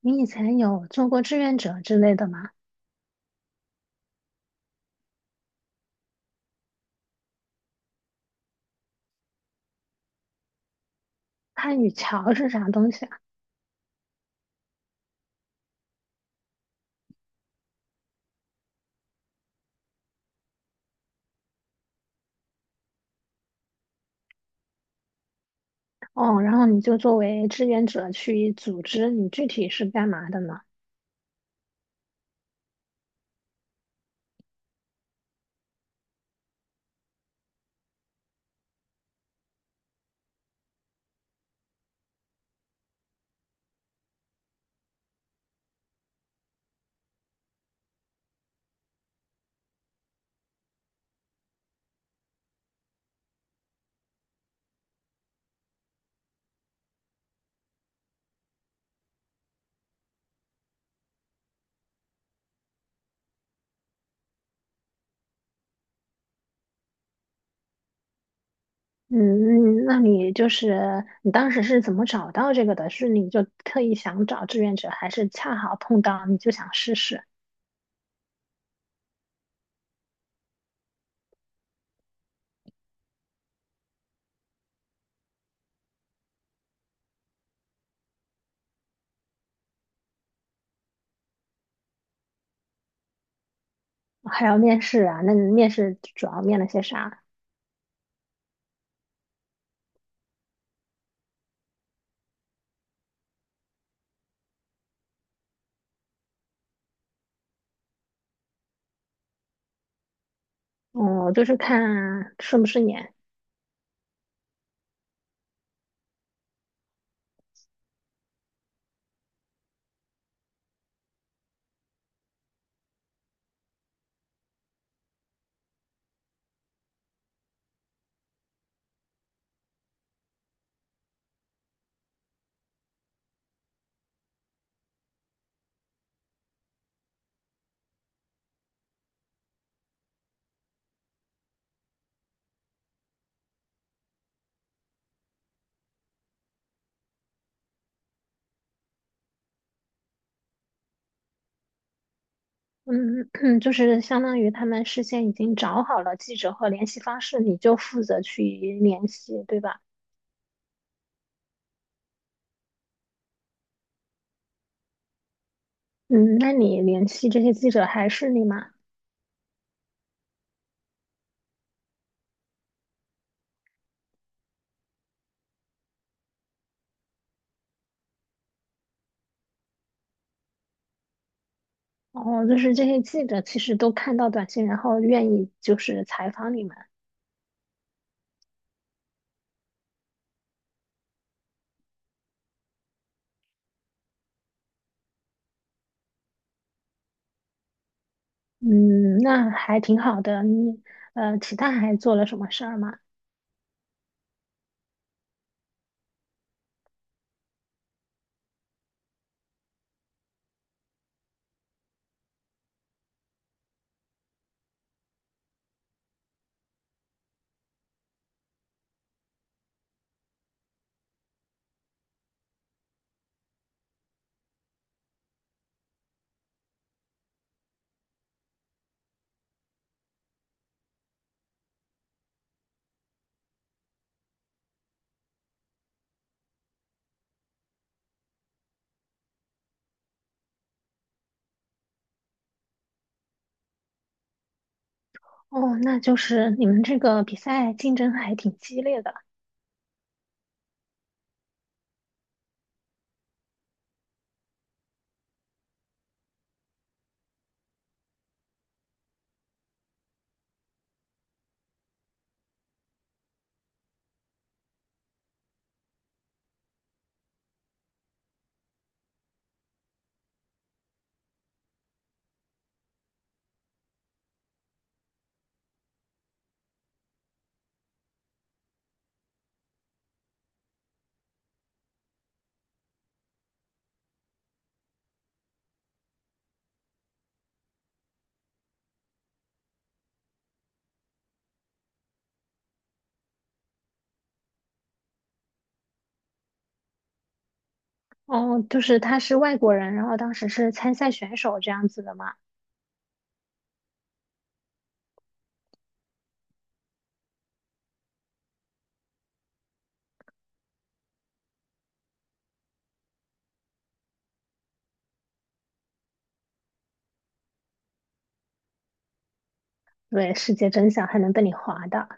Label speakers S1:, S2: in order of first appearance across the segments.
S1: 你以前有做过志愿者之类的吗？汉语桥是啥东西啊？哦，然后你就作为志愿者去组织，你具体是干嘛的呢？嗯，那你就是你当时是怎么找到这个的？是你就特意想找志愿者，还是恰好碰到你就想试试？还要面试啊？那你面试主要面了些啥？哦，就是看顺不顺眼。嗯，就是相当于他们事先已经找好了记者和联系方式，你就负责去联系，对吧？嗯，那你联系这些记者还是你吗？哦，就是这些记者其实都看到短信，然后愿意就是采访你们。嗯，那还挺好的。你其他还做了什么事儿吗？哦，那就是你们这个比赛竞争还挺激烈的。哦，就是他是外国人，然后当时是参赛选手这样子的嘛？对，世界真相还能被你划到。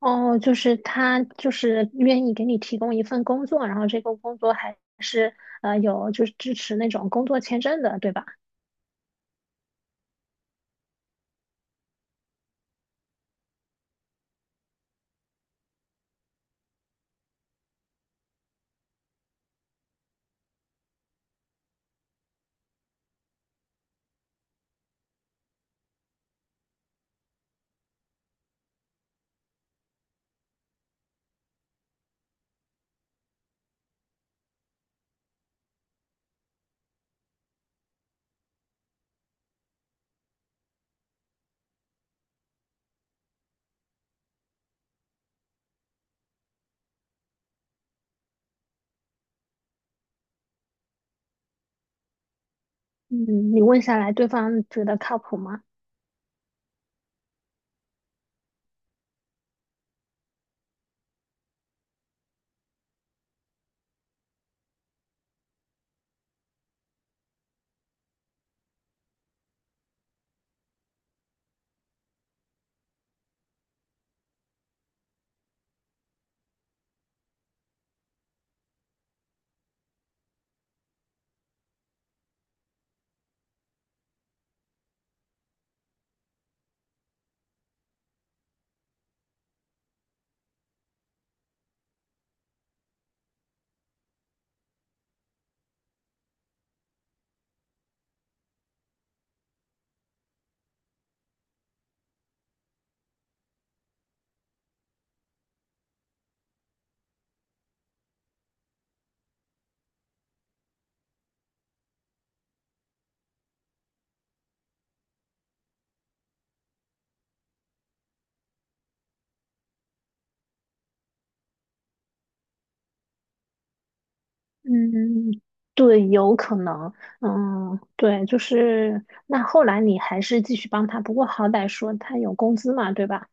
S1: 哦，就是他就是愿意给你提供一份工作，然后这个工作还是有就是支持那种工作签证的，对吧？嗯，你问下来，对方觉得靠谱吗？嗯，对，有可能。嗯，对，就是那后来你还是继续帮他，不过好歹说他有工资嘛，对吧？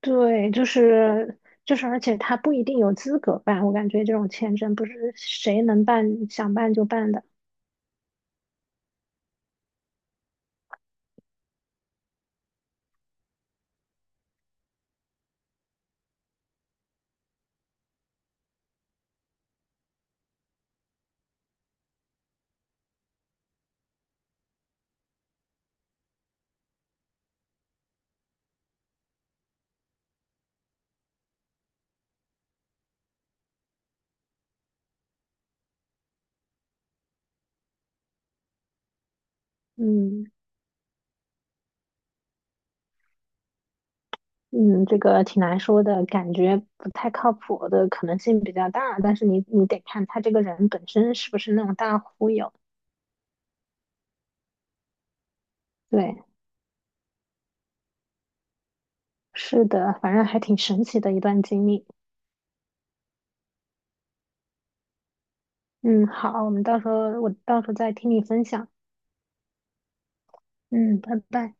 S1: 对，而且他不一定有资格办，我感觉这种签证不是谁能办想办就办的。嗯。嗯，这个挺难说的，感觉不太靠谱的可能性比较大，但是你得看他这个人本身是不是那种大忽悠。对，是的，反正还挺神奇的一段经历。嗯，好，我们到时候再听你分享。嗯，拜拜。